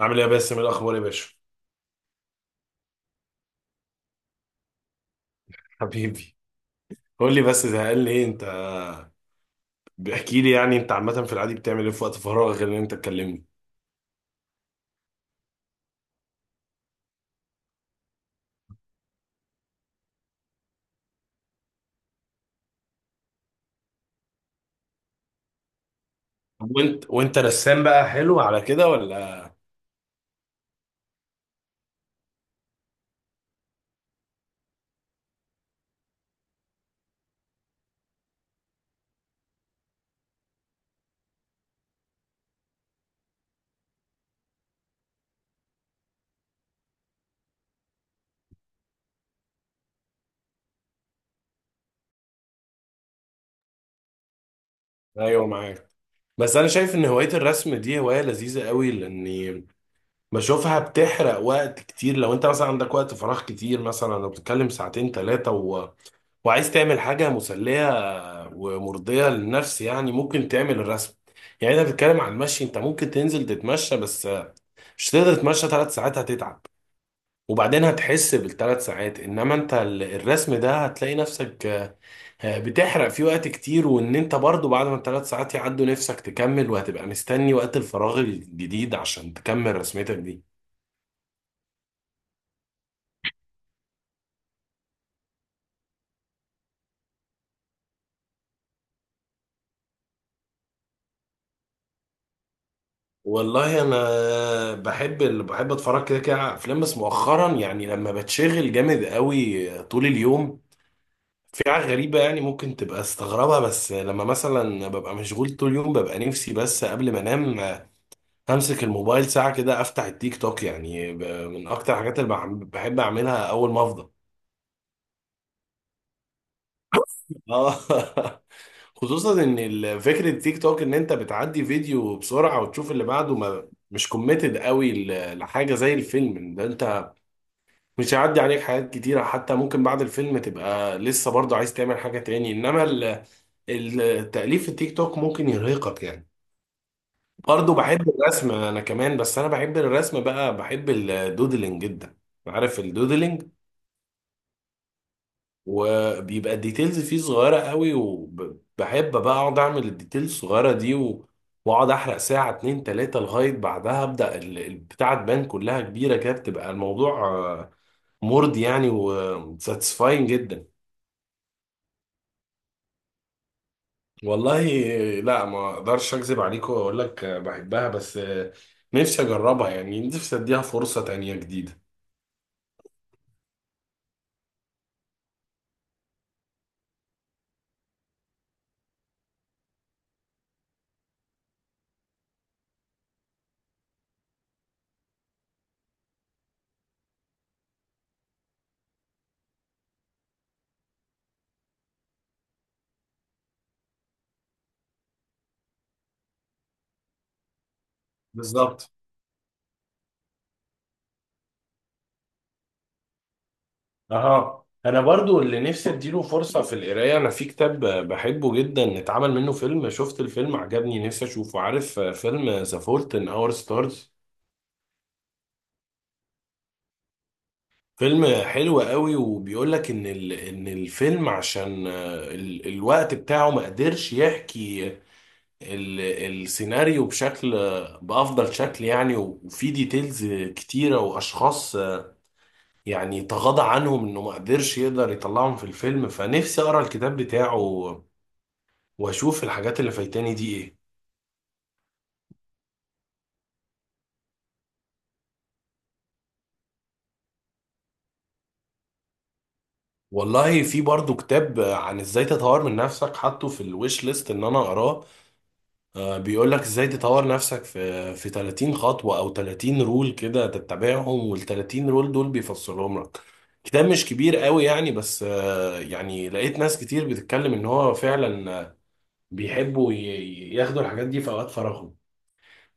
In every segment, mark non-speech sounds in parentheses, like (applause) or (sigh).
عامل ايه يا باسم، إيه الاخبار يا باشا؟ (laughs) حبيبي، قول لي بس زهقان ليه انت؟ بحكي لي يعني انت عامه في العادي بتعمل ايه في وقت فراغ غير ان انت تكلمني؟ طب وانت رسام بقى، حلو على كده ولا؟ ايوه معاك. بس انا شايف ان هوايه الرسم دي هوايه لذيذه قوي لاني بشوفها بتحرق وقت كتير. لو انت مثلا عندك وقت فراغ كتير، مثلا لو بتتكلم ساعتين ثلاثه و... وعايز تعمل حاجه مسليه ومرضيه للنفس، يعني ممكن تعمل الرسم. يعني انت بتتكلم عن المشي، انت ممكن تنزل تتمشى بس مش تقدر تتمشى 3 ساعات، هتتعب. وبعدين هتحس بالثلاث ساعات، انما انت الرسم ده هتلاقي نفسك بتحرق فيه وقت كتير. وان انت برضو بعد ما الثلاث ساعات يعدوا، نفسك تكمل وهتبقى مستني وقت الفراغ الجديد عشان تكمل رسمتك دي. والله انا بحب، اللي بحب اتفرج كده كده على افلام. بس مؤخرا يعني لما بتشغل جامد قوي طول اليوم، في حاجة غريبة يعني ممكن تبقى استغربها، بس لما مثلا ببقى مشغول طول اليوم ببقى نفسي، بس قبل ما انام همسك الموبايل ساعة كده، أفتح التيك توك، يعني من أكتر الحاجات اللي بحب أعملها أول ما أفضى. اه (laughs) خصوصا ان فكره التيك توك ان انت بتعدي فيديو بسرعه وتشوف اللي بعده، ما مش كوميتد قوي لحاجه زي الفيلم ده، انت مش هيعدي عليك حاجات كتيره، حتى ممكن بعد الفيلم تبقى لسه برضه عايز تعمل حاجه تاني، انما التأليف في التيك توك ممكن يرهقك يعني. برضه بحب الرسم انا كمان، بس انا بحب الرسم بقى، بحب الدودلينج جدا. عارف الدودلينج؟ وبيبقى الديتيلز فيه صغيره قوي، وبحب بقى اقعد اعمل الديتيلز الصغيره دي و... واقعد احرق ساعه اتنين تلاته لغايه بعدها ابدا البتاعه تبان كلها كبيره كده، بتبقى الموضوع مرضي يعني وساتسفاين جدا. والله لا، ما اقدرش اكذب عليك واقول لك بحبها، بس نفسي اجربها، يعني نفسي اديها فرصه تانيه جديده. بالظبط. اه، انا برضو اللي نفسي اديله فرصة في القراية. انا في كتاب بحبه جدا اتعمل منه فيلم، شفت الفيلم عجبني، نفسي اشوفه. عارف فيلم ذا فولت ان اور ستارز؟ فيلم حلو قوي، وبيقول لك ان ان الفيلم عشان الوقت بتاعه ما قدرش يحكي السيناريو بشكل بافضل شكل يعني، وفي ديتيلز كتيرة واشخاص يعني تغاضى عنهم انه ما قدرش يقدر يطلعهم في الفيلم، فنفسي اقرا الكتاب بتاعه واشوف الحاجات اللي فايتاني دي ايه. والله في برضو كتاب عن ازاي تطور من نفسك، حاطه في الويش ليست ان انا اقراه. بيقول لك ازاي تطور نفسك في 30 خطوة او 30 رول كده تتبعهم، وال 30 رول دول بيفصلهم لك. كتاب مش كبير قوي يعني، بس يعني لقيت ناس كتير بتتكلم ان هو فعلا بيحبوا ياخدوا الحاجات دي في اوقات فراغهم.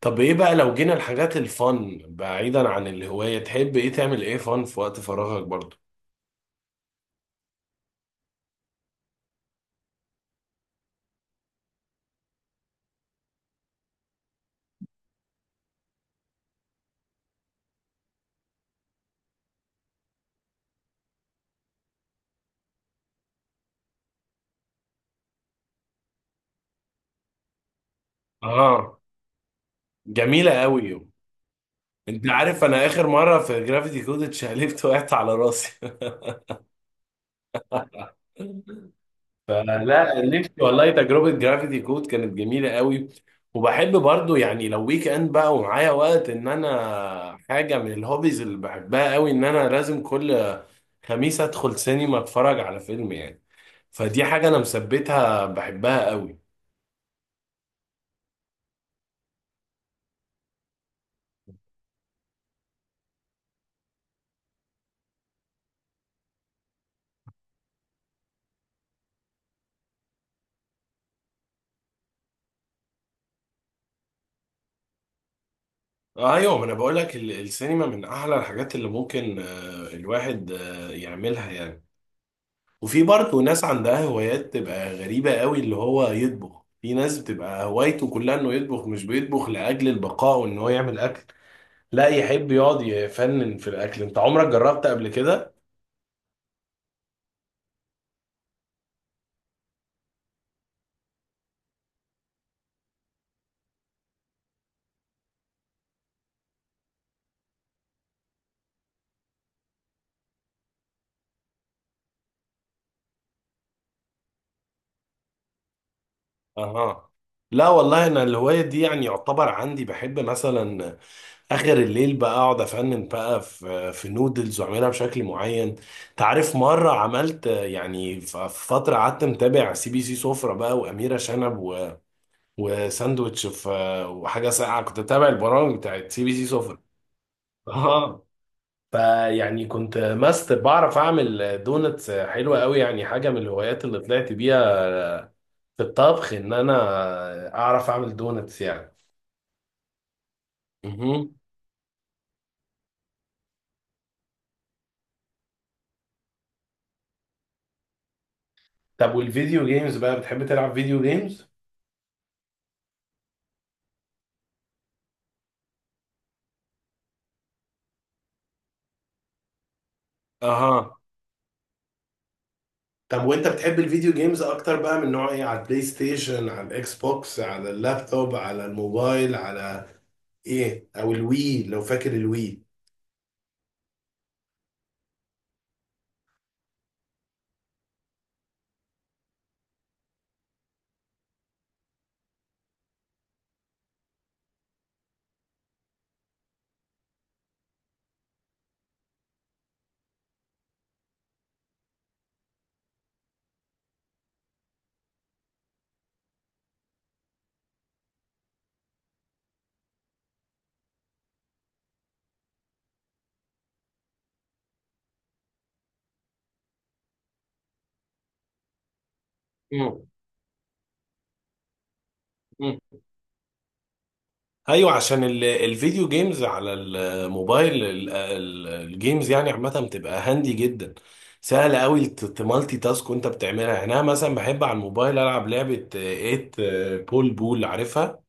طب ايه بقى لو جينا الحاجات الفن بعيدا عن الهواية، تحب ايه تعمل ايه فن في وقت فراغك برضو؟ اه، جميلة قوي. انت عارف انا اخر مرة في جرافيتي كود اتشقلبت وقعت على راسي (laughs) فلا، نفسي والله تجربة جرافيتي كود كانت جميلة قوي. وبحب برضو يعني لو ويك اند بقى ومعايا وقت، ان انا حاجة من الهوبيز اللي بحبها قوي ان انا لازم كل خميس ادخل سينما اتفرج على فيلم يعني، فدي حاجة انا مثبتها بحبها قوي. ايوه، ما انا بقول لك السينما من احلى الحاجات اللي ممكن الواحد يعملها يعني. وفي برضه ناس عندها هوايات تبقى غريبة قوي، اللي هو يطبخ. في ناس بتبقى هوايته كلها انه يطبخ، مش بيطبخ لأجل البقاء وان هو يعمل أكل، لا يحب يقعد يفنن في الأكل. انت عمرك جربت قبل كده؟ اها. لا والله، انا الهواية دي يعني يعتبر عندي، بحب مثلا اخر الليل بقى اقعد افنن بقى في نودلز واعملها بشكل معين. تعرف مرة عملت يعني، في فترة قعدت متابع سي بي سي سفرة بقى، وأميرة شنب، وساندوتش في، وحاجه ساقعه. كنت بتابع البرامج بتاعت سي بي سي سفر. (laughs) اه. فيعني كنت ماستر، بعرف اعمل دونتس حلوه قوي يعني، حاجه من الهوايات اللي طلعت بيها في الطبخ ان انا اعرف اعمل دونتس يعني. مهم. طب والفيديو جيمز بقى، بتحب تلعب فيديو جيمز؟ اها. طب وانت بتحب الفيديو جيمز اكتر بقى من نوع ايه، على البلاي ستيشن، على الاكس بوكس، على اللابتوب، على الموبايل، على ايه؟ او الوي، لو فاكر الوي. مم. ايوه، عشان الفيديو جيمز على الموبايل الجيمز يعني عامه بتبقى هاندي جدا. سهل قوي تمالتي تاسك وانت بتعملها، يعني انا مثلا بحب على الموبايل العب لعبه 8 بول بول، عارفها؟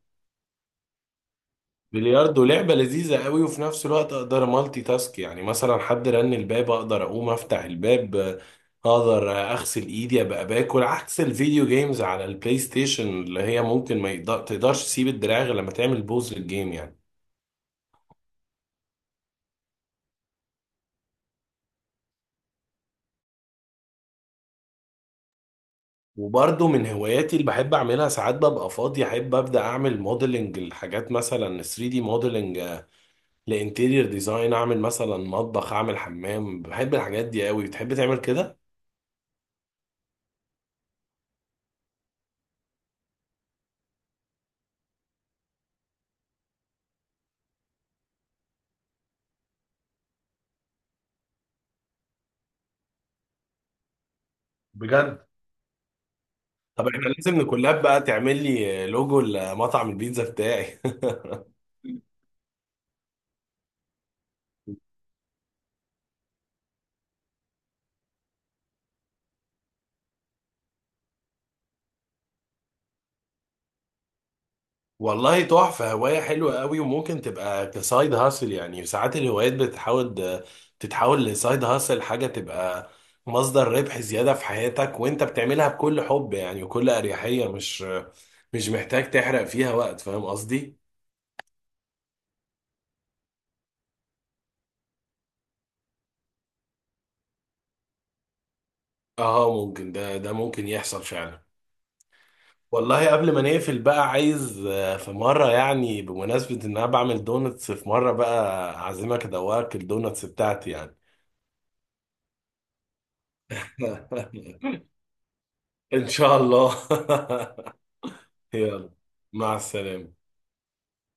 بلياردو لعبه لذيذه قوي، وفي نفس الوقت اقدر مالتي تاسك، يعني مثلا حد رن الباب اقدر اقوم افتح الباب، اقدر اغسل ايدي ابقى باكل. عكس الفيديو جيمز على البلاي ستيشن، اللي هي ممكن ما يقدر- تقدرش تسيب الدراع غير لما تعمل بوز للجيم يعني. وبرضه من هواياتي اللي بحب اعملها، ساعات ببقى فاضي احب ابدا اعمل موديلنج لحاجات، مثلا 3 دي موديلنج لانتيرير ديزاين، اعمل مثلا مطبخ، اعمل حمام. بحب الحاجات دي قوي، بتحب تعمل كده؟ بجد؟ طب احنا لازم نكولاب بقى، تعمل لي لوجو لمطعم البيتزا بتاعي (laughs) والله تحفة، هواية حلوة قوي، وممكن تبقى كسايد هاسل يعني. ساعات الهوايات بتحاول تتحول لسايد هاسل، حاجة تبقى مصدر ربح زيادة في حياتك، وانت بتعملها بكل حب يعني وكل أريحية، مش محتاج تحرق فيها وقت، فاهم قصدي؟ اه، ممكن ده ممكن يحصل فعلا. والله قبل ما نقفل بقى، عايز في مرة يعني، بمناسبة ان انا بعمل دونتس، في مرة بقى اعزمك ادوقك الدونتس بتاعتي يعني. (laughs) ان شاء الله. (laughs) يلا، مع السلامة.